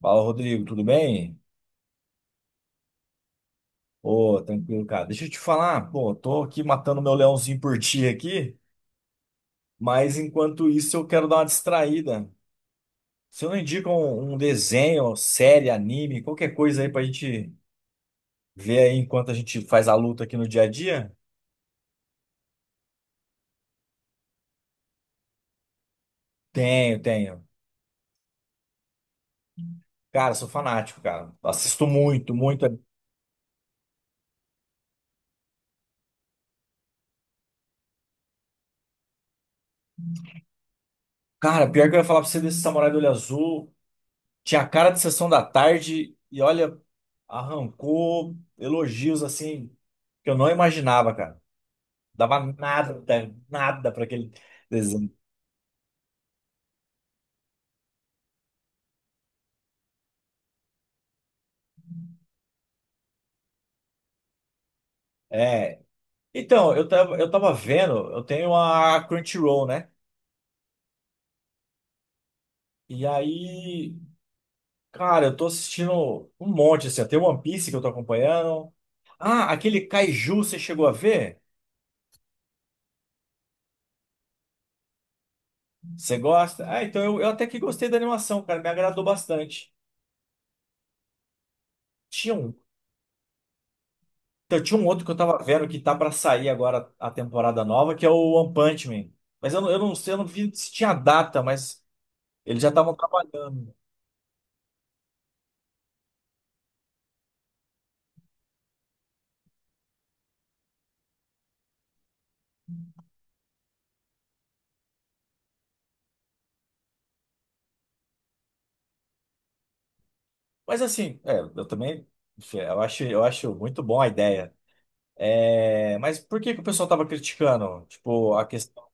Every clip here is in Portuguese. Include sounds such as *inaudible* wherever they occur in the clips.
Fala, Rodrigo, tudo bem? Ô, tranquilo, cara. Deixa eu te falar, pô, tô aqui matando meu leãozinho por ti aqui, mas enquanto isso eu quero dar uma distraída. Você não indica um desenho, série, anime, qualquer coisa aí pra gente ver aí enquanto a gente faz a luta aqui no dia a dia? Tenho, tenho. Cara, sou fanático, cara. Assisto muito, muito. Cara, pior que eu ia falar pra você desse Samurai do Olho Azul. Tinha a cara de sessão da tarde e olha, arrancou elogios assim que eu não imaginava, cara. Dava nada, nada para aquele desenho. É. Então, eu tava vendo, eu tenho a Crunchyroll, né? E aí, cara, eu tô assistindo um monte, assim, ó. Tem One Piece que eu tô acompanhando. Ah, aquele Kaiju, você chegou a ver? Você gosta? Ah, então eu até que gostei da animação, cara. Me agradou bastante. Tinha um. Então, tinha um outro que eu tava vendo que tá pra sair agora a temporada nova, que é o One Punch Man. Mas eu não sei, eu não vi se tinha data, mas eles já estavam trabalhando. Mas assim, é, eu também, enfim, eu acho muito bom a ideia. É, mas por que que o pessoal tava criticando? Tipo, a questão,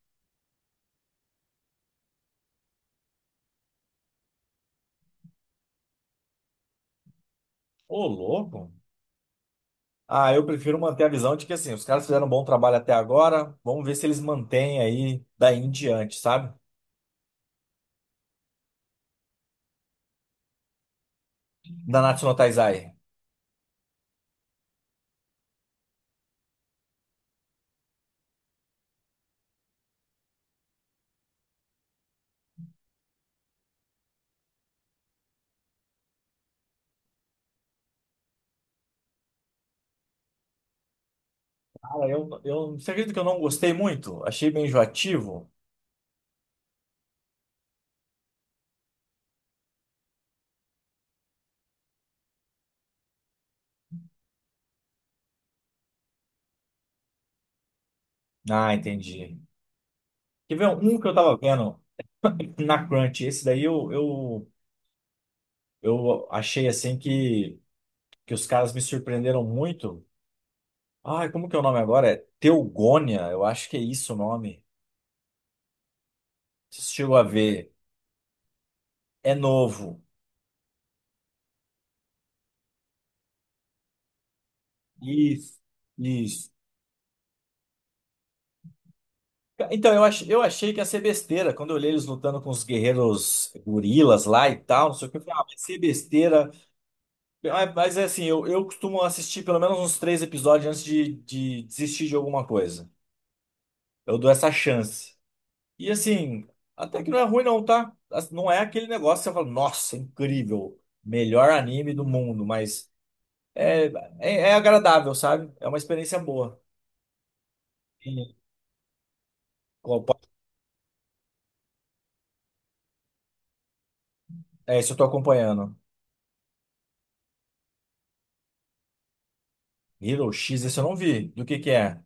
ô, louco. Ah, eu prefiro manter a visão de que assim, os caras fizeram um bom trabalho até agora, vamos ver se eles mantêm aí daí em diante, sabe? Da Natsu no Taizai. Cara, você acredita que eu não gostei muito? Achei bem enjoativo. Ah, entendi. Quer ver um que eu tava vendo na Crunch? Esse daí eu achei assim que os caras me surpreenderam muito. Ai, como que é o nome agora? É Teogônia, eu acho que é isso o nome. Você chegou a ver. É novo. Isso, isso. Então, eu achei que ia ser besteira. Quando eu olhei eles lutando com os guerreiros gorilas lá e tal, não sei o que, eu falei, ah, vai ser besteira. Mas é assim, eu costumo assistir pelo menos uns três episódios antes de desistir de alguma coisa. Eu dou essa chance. E assim, até que não é ruim não, tá? As- Não é aquele negócio que você fala, nossa, incrível, melhor anime do mundo, mas é, é, é agradável, sabe? É uma experiência boa. E, ó, po-. É, isso eu tô acompanhando. Hero X, esse eu não vi. Do que é?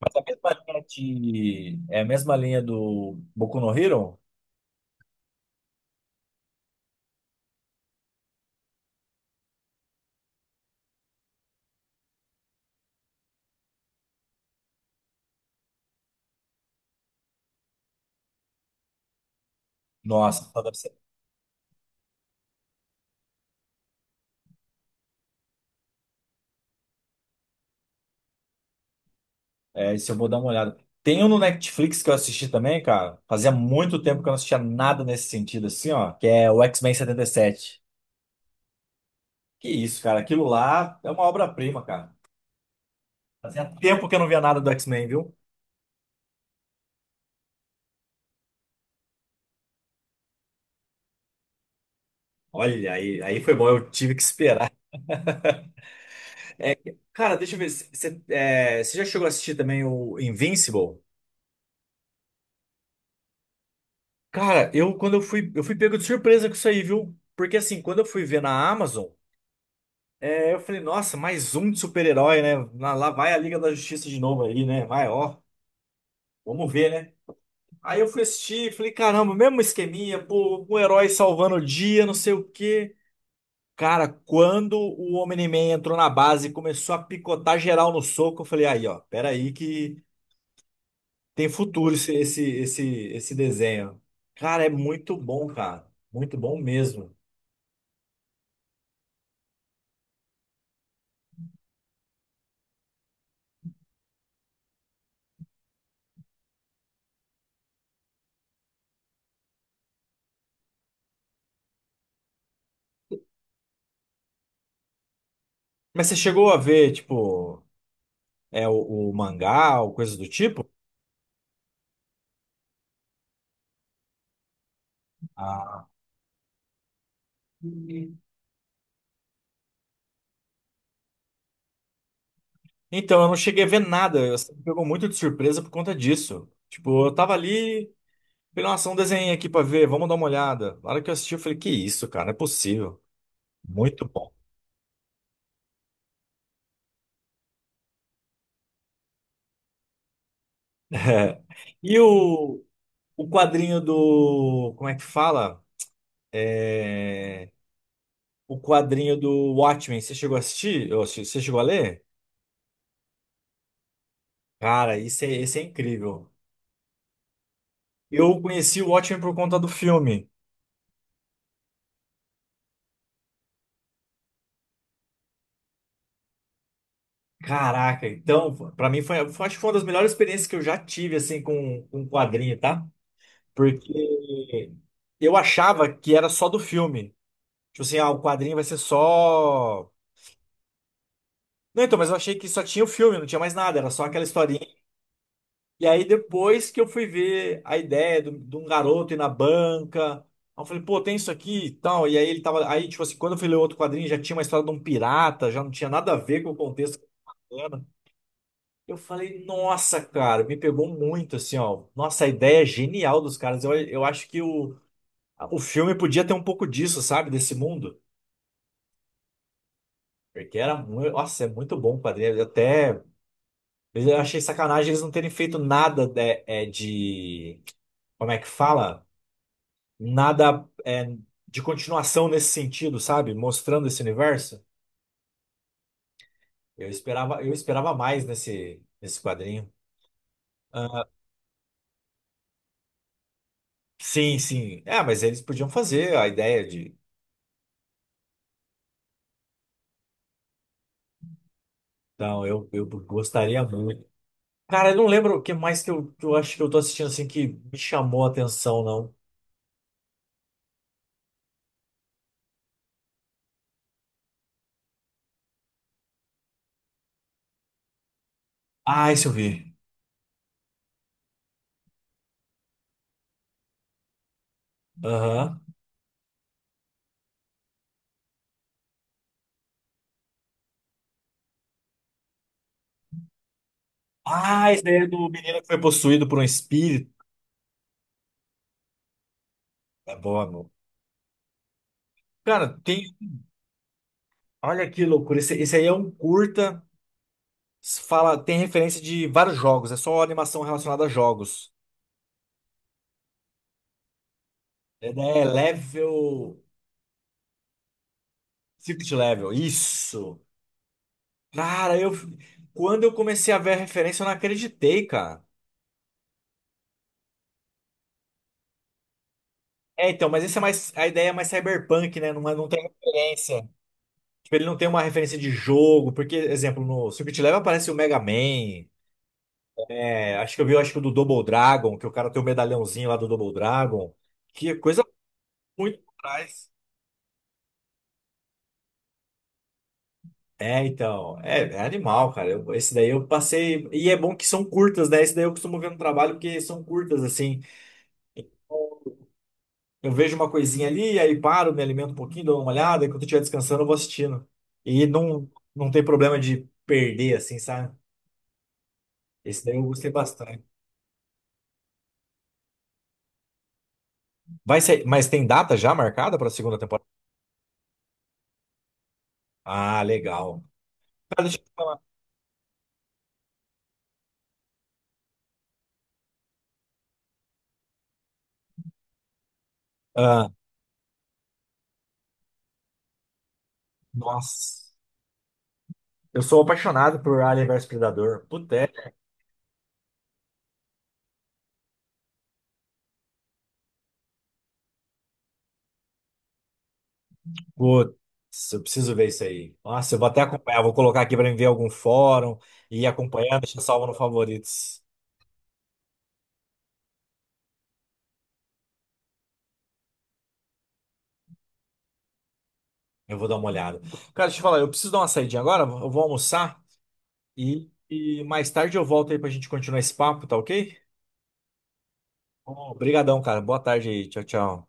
Mas a mesma linha de... É a mesma linha do Boku no Hero? Nossa, é, isso eu vou dar uma olhada. Tem um no Netflix que eu assisti também, cara. Fazia muito tempo que eu não assistia nada nesse sentido, assim, ó. Que é o X-Men 77. Que isso, cara. Aquilo lá é uma obra-prima, cara. Fazia tempo que eu não via nada do X-Men, viu? Olha, aí, aí foi bom. Eu tive que esperar. Cara, deixa eu ver. Você é, já chegou a assistir também o Invincible? Cara, eu quando eu fui pego de surpresa com isso aí, viu? Porque assim, quando eu fui ver na Amazon, é, eu falei, nossa, mais um de super-herói, né? Lá lá vai a Liga da Justiça de novo aí, né? Vai, ó. Vamos ver, né? Aí eu fui assistir, falei, caramba, mesmo esqueminha, pô, um herói salvando o dia, não sei o quê. Cara, quando o Omni-Man entrou na base e começou a picotar geral no soco, eu falei, aí, ó, peraí que tem futuro esse desenho. Cara, é muito bom, cara. Muito bom mesmo. Mas você chegou a ver, tipo, é o mangá ou coisa do tipo? Ah. Então, eu não cheguei a ver nada. Você me pegou muito de surpresa por conta disso. Tipo, eu tava ali. Falei, nossa, um desenho aqui pra ver, vamos dar uma olhada. Na hora que eu assisti, eu falei, que isso, cara, não é possível. Muito bom. *laughs* É. E o quadrinho do. Como é que fala? É, o quadrinho do Watchmen, você chegou a assistir? Ou assi- Você chegou a ler? Cara, isso é, esse é incrível. Eu conheci o Watchmen por conta do filme. Caraca, então, pra mim foi, foi- acho que foi uma das melhores experiências que eu já tive, assim, com quadrinho, tá? Porque eu achava que era só do filme. Tipo assim, ah, o quadrinho vai ser só. Não, então, mas eu achei que só tinha o filme, não tinha mais nada, era só aquela historinha. E aí depois que eu fui ver a ideia do- de um garoto ir na banca, aí eu falei, pô, tem isso aqui e tal. E aí ele tava. Aí, tipo assim, quando eu fui ler outro quadrinho, já tinha uma história de um pirata, já não tinha nada a ver com o contexto que eu tava lendo. Eu falei, nossa, cara, me pegou muito, assim, ó. Nossa, a ideia é genial dos caras. Eu acho que o filme podia ter um pouco disso, sabe? Desse mundo. Porque era muito. Nossa, é muito bom o quadrinho. Até. Eu achei sacanagem eles não terem feito nada de, é, de- como é que fala? Nada é, de continuação nesse sentido, sabe? Mostrando esse universo. Eu esperava mais nesse, nesse quadrinho. Sim, sim. É, mas eles podiam fazer a ideia de. Então, eu gostaria muito. Cara, eu não lembro o que mais que eu acho que eu tô assistindo assim que me chamou a atenção, não. Ah, isso eu vi. Aham. Ah, esse daí é do menino que foi possuído por um espírito. É bom. Cara, tem. Olha que loucura. Esse aí é um curta. Fala, tem referência de vários jogos. É só animação relacionada a jogos. É, né, level. Secret level. Isso. Cara, eu. Quando eu comecei a ver a referência, eu não acreditei, cara. É, então, mas esse é mais. A ideia é mais cyberpunk, né? Não, é- não tem referência. Tipo, ele não tem uma referência de jogo. Porque, exemplo, no Secret level aparece o Mega Man. É, acho que eu vi, acho que o do Double Dragon, que o cara tem o medalhãozinho lá do Double Dragon. Que é coisa muito atrás. É, então, é, é animal, cara. Eu- esse daí eu passei. E é bom que são curtas, né? Esse daí eu costumo ver no trabalho, porque são curtas, assim. Eu vejo uma coisinha ali, aí paro, me alimento um pouquinho, dou uma olhada, e quando eu estiver descansando, eu vou assistindo. E não, não tem problema de perder, assim, sabe? Esse daí eu gostei bastante. Vai ser, mas tem data já marcada para a segunda temporada? Ah, legal. Cara, deixa eu te falar. Ah, nossa, eu sou apaixonado por Alien vs Predador. Puta, é. Putz, eu preciso ver isso aí. Nossa, eu vou até acompanhar, vou colocar aqui para ver algum fórum e ir acompanhando, deixa salvo no favoritos. Eu vou dar uma olhada. Cara, deixa eu falar, eu preciso dar uma saidinha agora, eu vou almoçar e mais tarde eu volto aí pra gente continuar esse papo, tá ok? Obrigadão, cara. Boa tarde aí. Tchau, tchau.